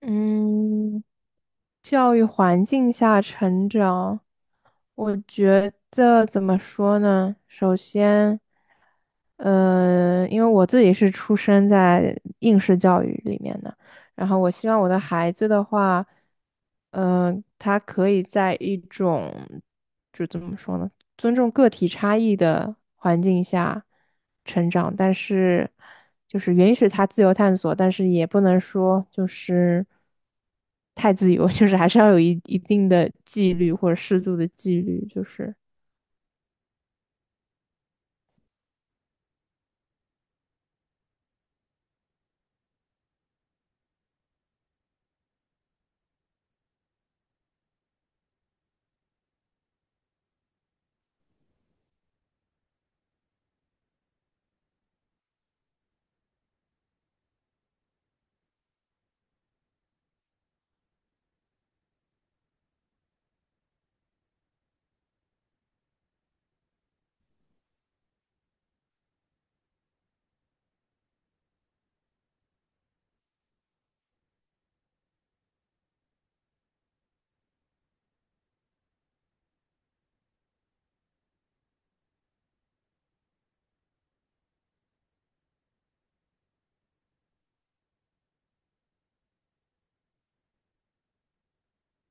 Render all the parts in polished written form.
嗯，教育环境下成长，我觉得怎么说呢？首先，因为我自己是出生在应试教育里面的，然后我希望我的孩子的话，嗯，他可以在一种，就怎么说呢？尊重个体差异的环境下成长，但是就是允许他自由探索，但是也不能说就是太自由，就是还是要有一定的纪律或者适度的纪律，就是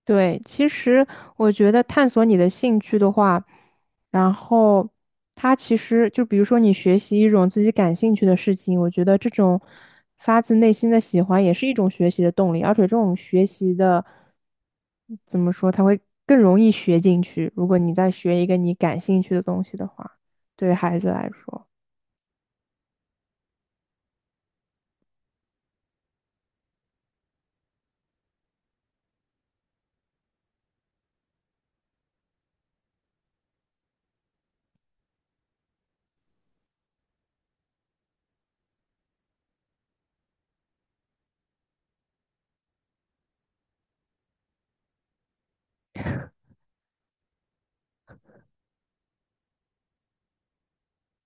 对，其实我觉得探索你的兴趣的话，然后他其实就比如说你学习一种自己感兴趣的事情，我觉得这种发自内心的喜欢也是一种学习的动力，而且这种学习的怎么说，它会更容易学进去。如果你再学一个你感兴趣的东西的话，对于孩子来说。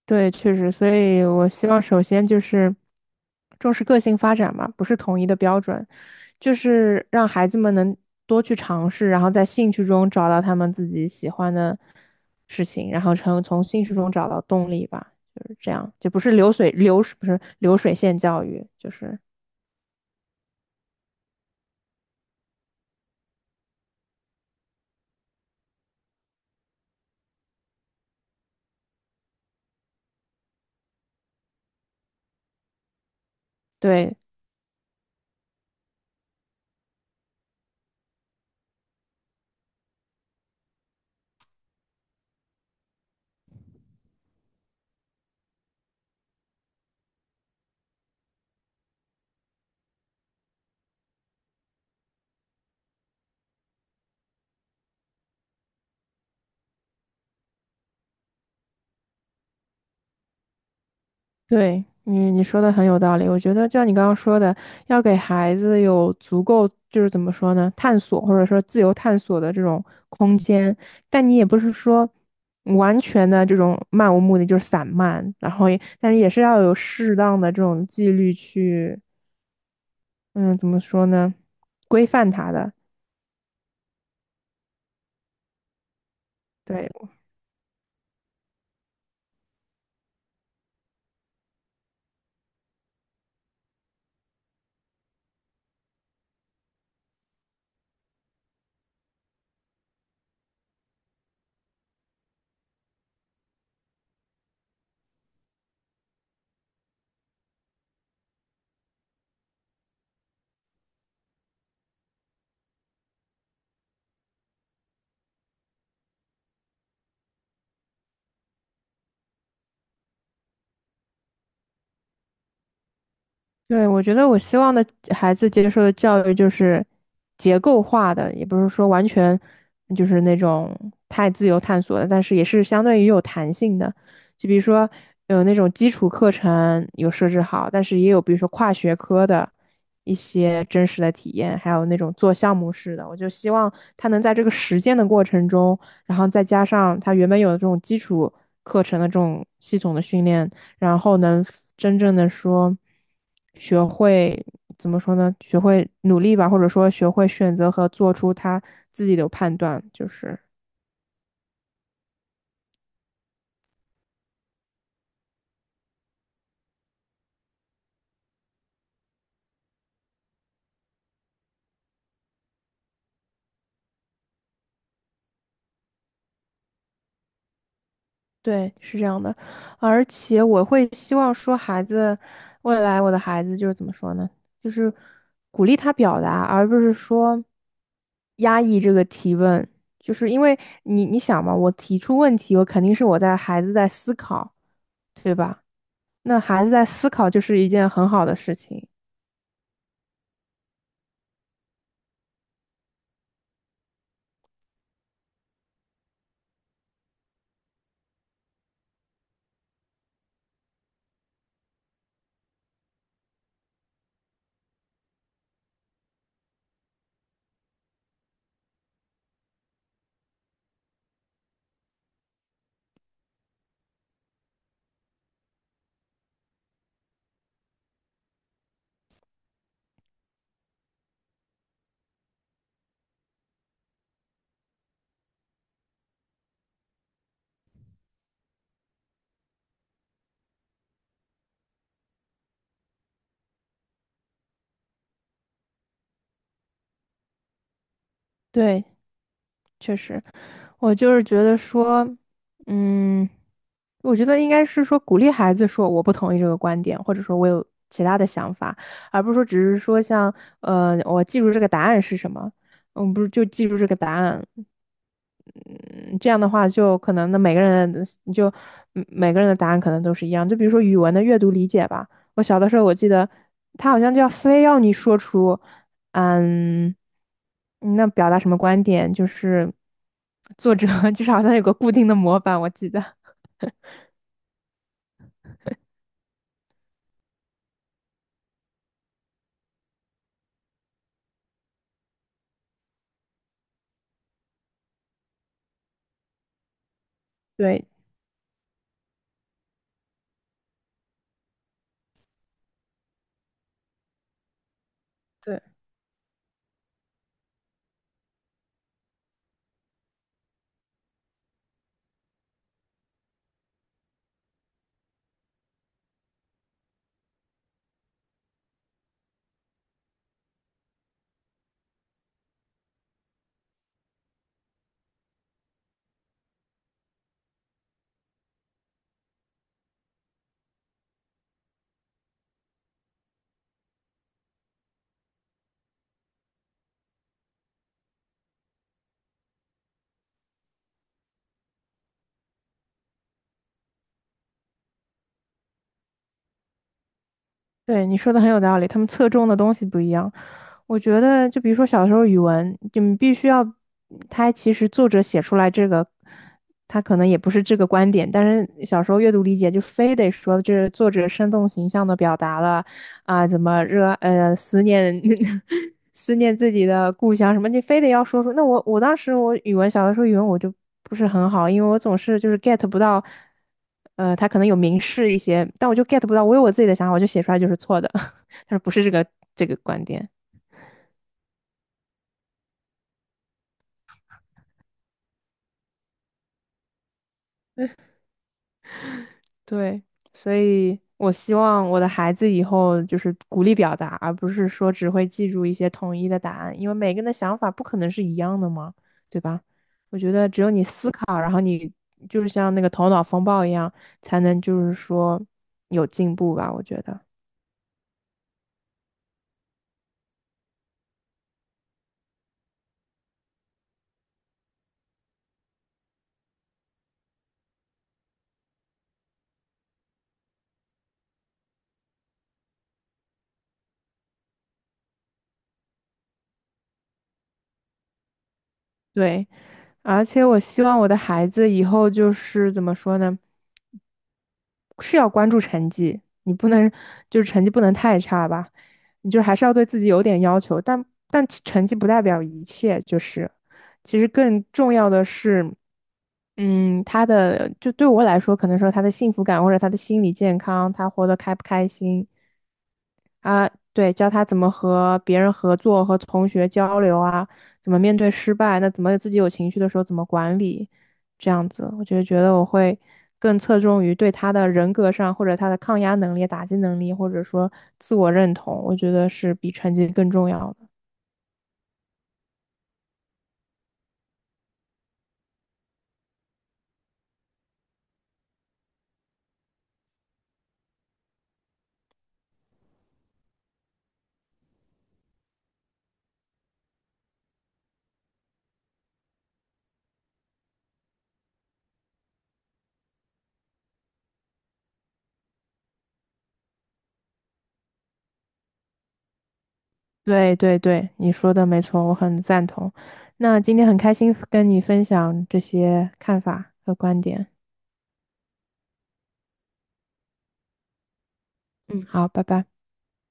对，确实，所以我希望首先就是重视个性发展嘛，不是统一的标准，就是让孩子们能多去尝试，然后在兴趣中找到他们自己喜欢的事情，然后从兴趣中找到动力吧，就是这样，就不是流水，不是流水线教育，就是对，对你说的很有道理。我觉得，就像你刚刚说的，要给孩子有足够，就是怎么说呢，探索或者说自由探索的这种空间。但你也不是说完全的这种漫无目的，就是散漫，然后也，但是也是要有适当的这种纪律去，嗯，怎么说呢，规范他的。对，对，我觉得我希望的孩子接受的教育就是结构化的，也不是说完全就是那种太自由探索的，但是也是相对于有弹性的。就比如说有那种基础课程有设置好，但是也有比如说跨学科的一些真实的体验，还有那种做项目式的。我就希望他能在这个实践的过程中，然后再加上他原本有的这种基础课程的这种系统的训练。然后能真正的说学会怎么说呢？学会努力吧，或者说学会选择和做出他自己的判断，就是对，是这样的。而且我会希望说，孩子未来我的孩子就是怎么说呢？就是鼓励他表达，而不是说压抑这个提问。就是因为你想嘛，我提出问题，我肯定是我在孩子在思考，对吧？那孩子在思考就是一件很好的事情。对，确实，我就是觉得说，嗯，我觉得应该是说鼓励孩子说我不同意这个观点，或者说我有其他的想法，而不是说只是说像我记住这个答案是什么，嗯，不是就记住这个答案，嗯，这样的话就可能那每个人你就嗯每个人的答案可能都是一样。就比如说语文的阅读理解吧，我小的时候我记得他好像就要非要你说出，嗯，那表达什么观点，就是作者 就是好像有个固定的模板，我记得。对对对，你说的很有道理，他们侧重的东西不一样。我觉得，就比如说小时候语文，就你必须要，他其实作者写出来这个，他可能也不是这个观点，但是小时候阅读理解就非得说这作者生动形象的表达了啊，怎么思念 思念自己的故乡什么，你非得要说出。那我当时我语文小的时候语文我就不是很好，因为我总是就是 get 不到，他可能有明示一些，但我就 get 不到，我有我自己的想法，我就写出来就是错的，他说不是这个观点。对，所以我希望我的孩子以后就是鼓励表达，而不是说只会记住一些统一的答案，因为每个人的想法不可能是一样的嘛，对吧？我觉得只有你思考，然后你就是像那个头脑风暴一样，才能就是说有进步吧，我觉得。对，而且我希望我的孩子以后就是怎么说呢？是要关注成绩，你不能就是成绩不能太差吧，你就还是要对自己有点要求，但其成绩不代表一切，就是其实更重要的是，嗯，他的就对我来说，可能说他的幸福感或者他的心理健康，他活得开不开心，啊，对，教他怎么和别人合作、和同学交流啊，怎么面对失败，那怎么自己有情绪的时候怎么管理，这样子，我就觉得我会更侧重于对他的人格上，或者他的抗压能力、打击能力，或者说自我认同，我觉得是比成绩更重要的。对对对，你说的没错，我很赞同。那今天很开心跟你分享这些看法和观点。嗯，好，拜拜。